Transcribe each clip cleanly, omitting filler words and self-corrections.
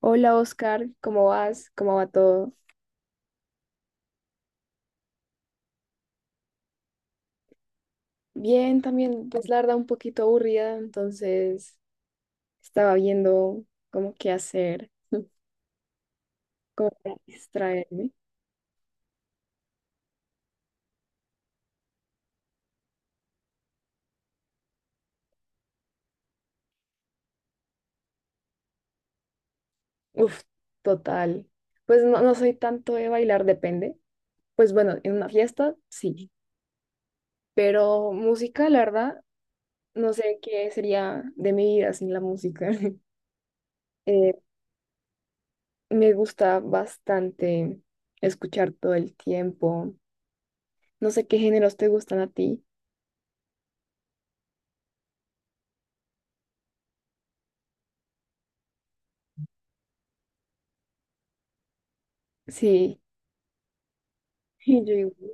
Hola Oscar, ¿cómo vas? ¿Cómo va todo? Bien, también, pues la verdad un poquito aburrida, entonces estaba viendo como qué hacer, cómo para distraerme. Uf, total. Pues no, no soy tanto de bailar, depende. Pues bueno, en una fiesta sí, pero música, la verdad, no sé qué sería de mi vida sin la música. Eh, Me gusta bastante escuchar todo el tiempo. No sé qué géneros te gustan a ti. Sí. Y yo igual.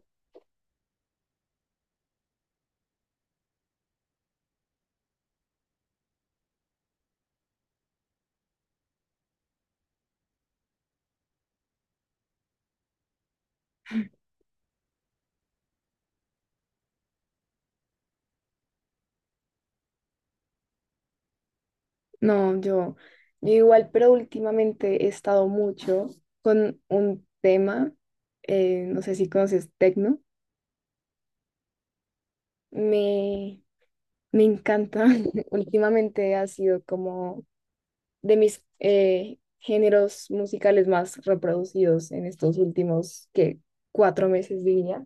No, yo igual, pero últimamente he estado mucho con un tema, no sé si conoces tecno, me, me encanta. Últimamente ha sido como de mis géneros musicales más reproducidos en estos últimos, que cuatro meses diría.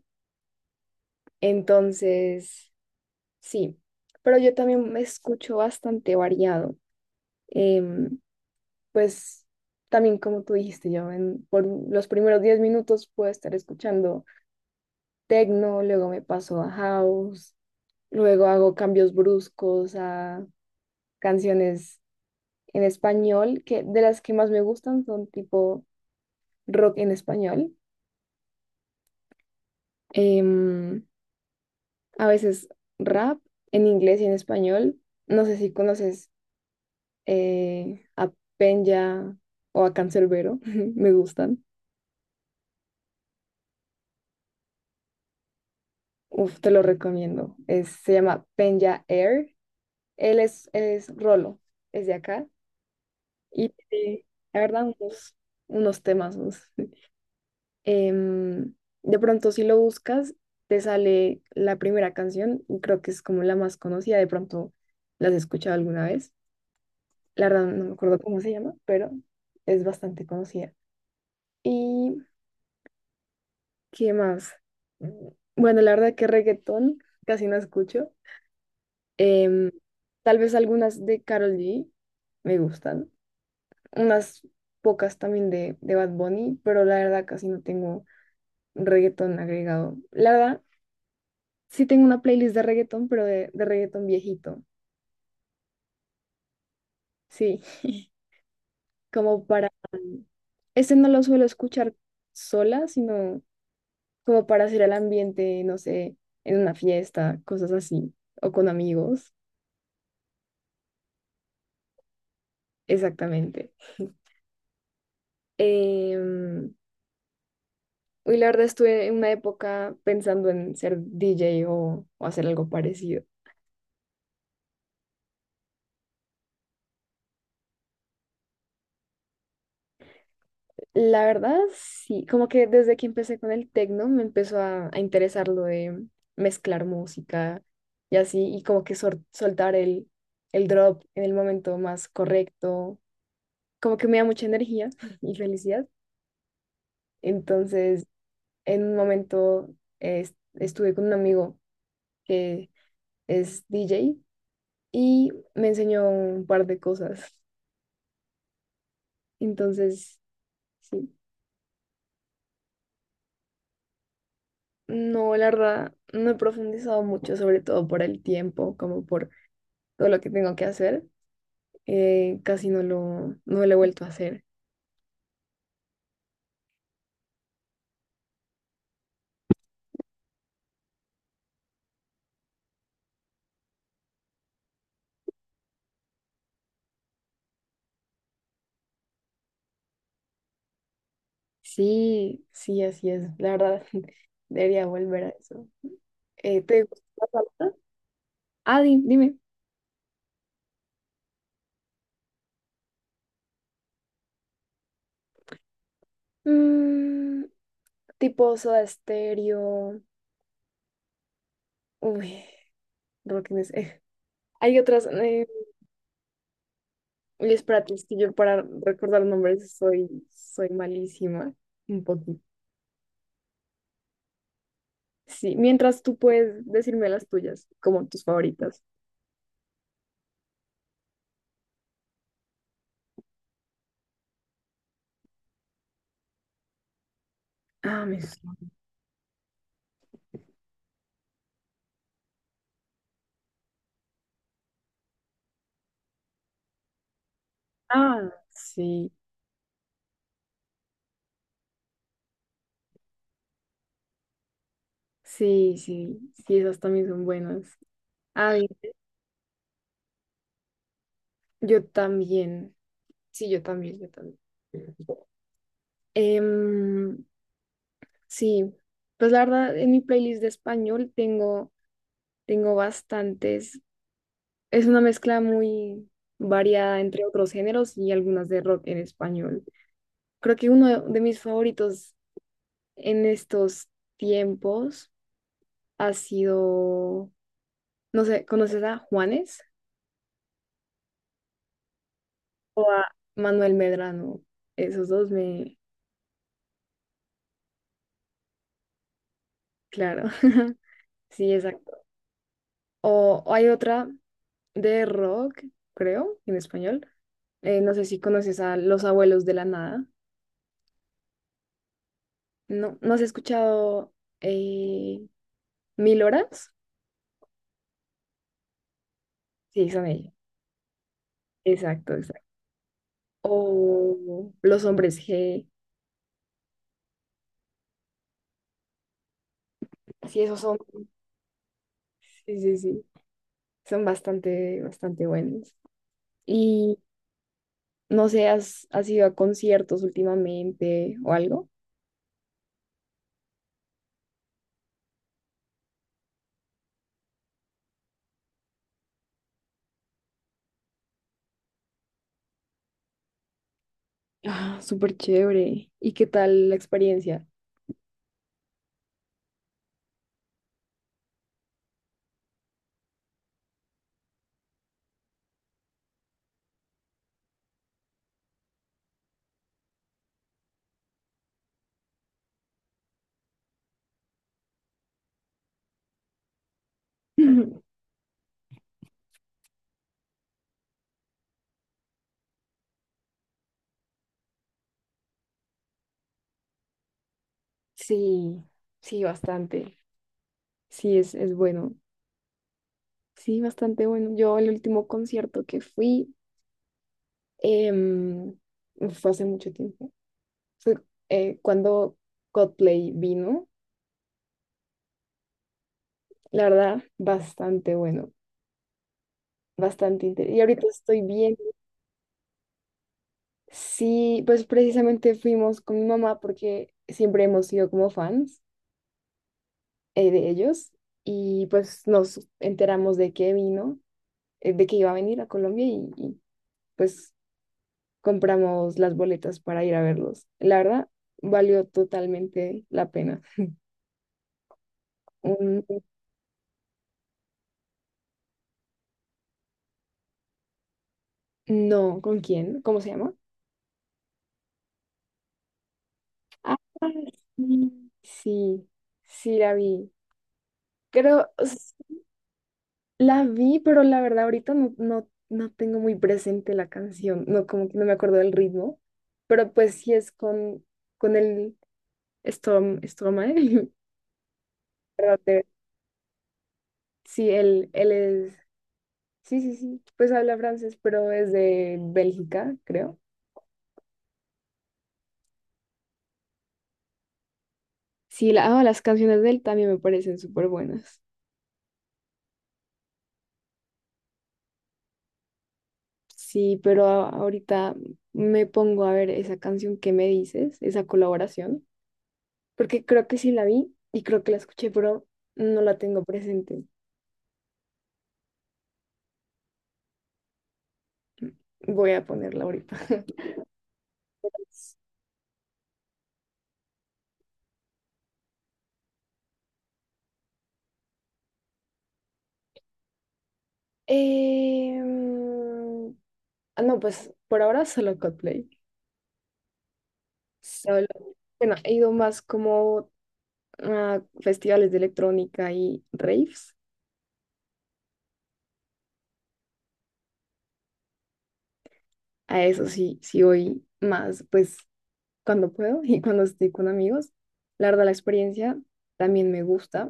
Entonces, sí, pero yo también me escucho bastante variado. Em, pues también como tú dijiste, yo en, por los primeros 10 minutos puedo estar escuchando techno, luego me paso a house, luego hago cambios bruscos a canciones en español, que de las que más me gustan son tipo rock en español, em, a veces rap en inglés y en español. No sé si conoces a Penya o a Canserbero, me gustan. Uf, te lo recomiendo. Se llama Penya Air. Él es Rolo, es de acá. Y tiene, la verdad, unos, unos temazos. Em, de pronto, si lo buscas, te sale la primera canción. Y creo que es como la más conocida. De pronto, ¿las has escuchado alguna vez? La verdad, no me acuerdo cómo se llama, pero es bastante conocida. ¿Y qué más? Mm, bueno, la verdad que reggaetón casi no escucho. Em, tal vez algunas de Karol G me gustan, unas pocas también de Bad Bunny, pero la verdad casi no tengo reggaetón agregado. La verdad, sí tengo una playlist de reggaetón, pero de reggaetón viejito. Sí, como para... Este no lo suelo escuchar sola, sino como para hacer el ambiente, no sé, en una fiesta, cosas así, o con amigos, exactamente. Em, Hoy la verdad estuve en una época pensando en ser DJ o hacer algo parecido. La verdad, sí, como que desde que empecé con el tecno me empezó a interesar lo de mezclar música y así, y como que soltar el drop en el momento más correcto, como que me da mucha energía y felicidad. Entonces, en un momento estuve con un amigo que es DJ y me enseñó un par de cosas. Entonces, sí. No, la verdad, no he profundizado mucho, sobre todo por el tiempo, como por todo lo que tengo que hacer. Casi no lo, no lo he vuelto a hacer. Sí, sí, así es. La verdad, debería volver a eso. ¿Te gusta la salsa? Ah, dime. Mm, tipo Soda Stereo. Uy, Rock in es- hay otras. Uy, espérate, es que yo para recordar nombres soy, soy malísima. Un poquito. Sí, mientras tú puedes decirme las tuyas, como tus favoritas. Ah, mis... Ah, sí, sí, sí, sí, esas también son buenas. Ay, yo también. Sí, yo también, yo también. Em, sí, pues la verdad, en mi playlist de español tengo, tengo bastantes. Es una mezcla muy variada entre otros géneros y algunas de rock en español. Creo que uno de mis favoritos en estos tiempos ha sido, no sé, ¿conoces a Juanes? Manuel Medrano, esos dos me, claro, sí, exacto. O hay otra de rock, creo, en español. No sé si conoces a Los Abuelos de la Nada. No, ¿no has escuchado eh, Mil Horas? Sí, son ellos. Exacto, exacto. O Los Hombres G. Sí, esos son, sí, sí, sí. Son bastante, bastante buenos. No sé, ¿has, has ido a conciertos últimamente o algo? Ah, súper chévere. ¿Y qué tal la experiencia? Sí, sí, bastante. Sí, es bueno. Sí, bastante bueno. Yo el último concierto que fui em, fue hace mucho tiempo. Fue cuando Coldplay vino. La verdad, bastante bueno, bastante interesante. Y ahorita estoy viendo, sí, pues precisamente fuimos con mi mamá porque siempre hemos sido como fans de ellos y pues nos enteramos de que vino, de que iba a venir a Colombia y, pues compramos las boletas para ir a verlos. La verdad, valió totalmente la pena. Un- no, ¿con quién? ¿Cómo se llama? Ah, sí, sí, sí la vi. Creo, la vi, pero la verdad ahorita no, no, no tengo muy presente la canción, no como que no me acuerdo del ritmo, pero pues sí es con el Stromae, perdón, sí, él es, sí, sí, sí, pues habla francés, pero es de Bélgica, creo. Sí, la, ah, las canciones de él también me parecen súper buenas. Sí, pero ahorita me pongo a ver esa canción que me dices, esa colaboración. Porque creo que sí la vi y creo que la escuché, pero no la tengo presente. Voy a ponerla ahorita. Em, ah, no, pues por ahora solo Coldplay. Solo. Bueno, he ido más como a festivales de electrónica y raves. A eso sí, sí voy más, pues cuando puedo y cuando estoy con amigos. La verdad, la experiencia también me gusta.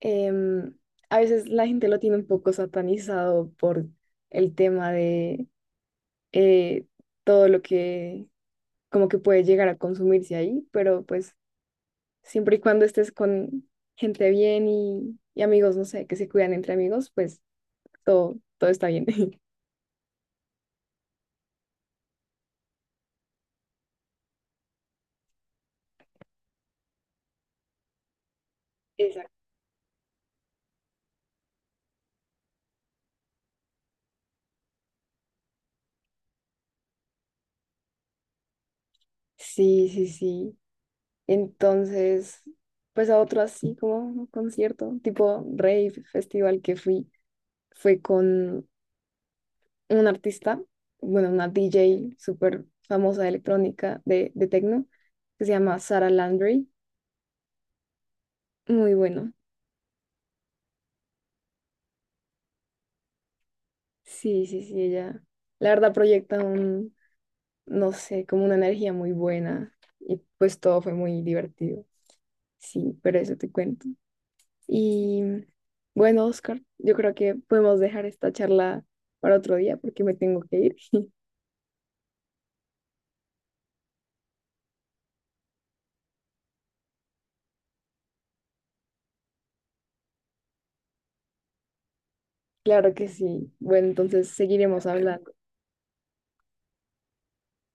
Em, a veces la gente lo tiene un poco satanizado por el tema de eh, todo lo que como que puede llegar a consumirse ahí, pero pues siempre y cuando estés con gente bien y amigos, no sé, que se cuidan entre amigos, pues todo, todo está bien. Exacto. Sí, sí, sí. Entonces, pues a otro así como concierto, tipo rave festival que fui, fue con un artista, bueno, una DJ súper famosa de electrónica, de techno, que se llama Sara Landry. Muy bueno. Sí, sí, sí, ella, la verdad, proyecta un, no sé, como una energía muy buena y pues todo fue muy divertido. Sí, pero eso te cuento. Y bueno, Oscar, yo creo que podemos dejar esta charla para otro día porque me tengo que ir. Claro que sí. Bueno, entonces seguiremos hablando.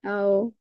Chao.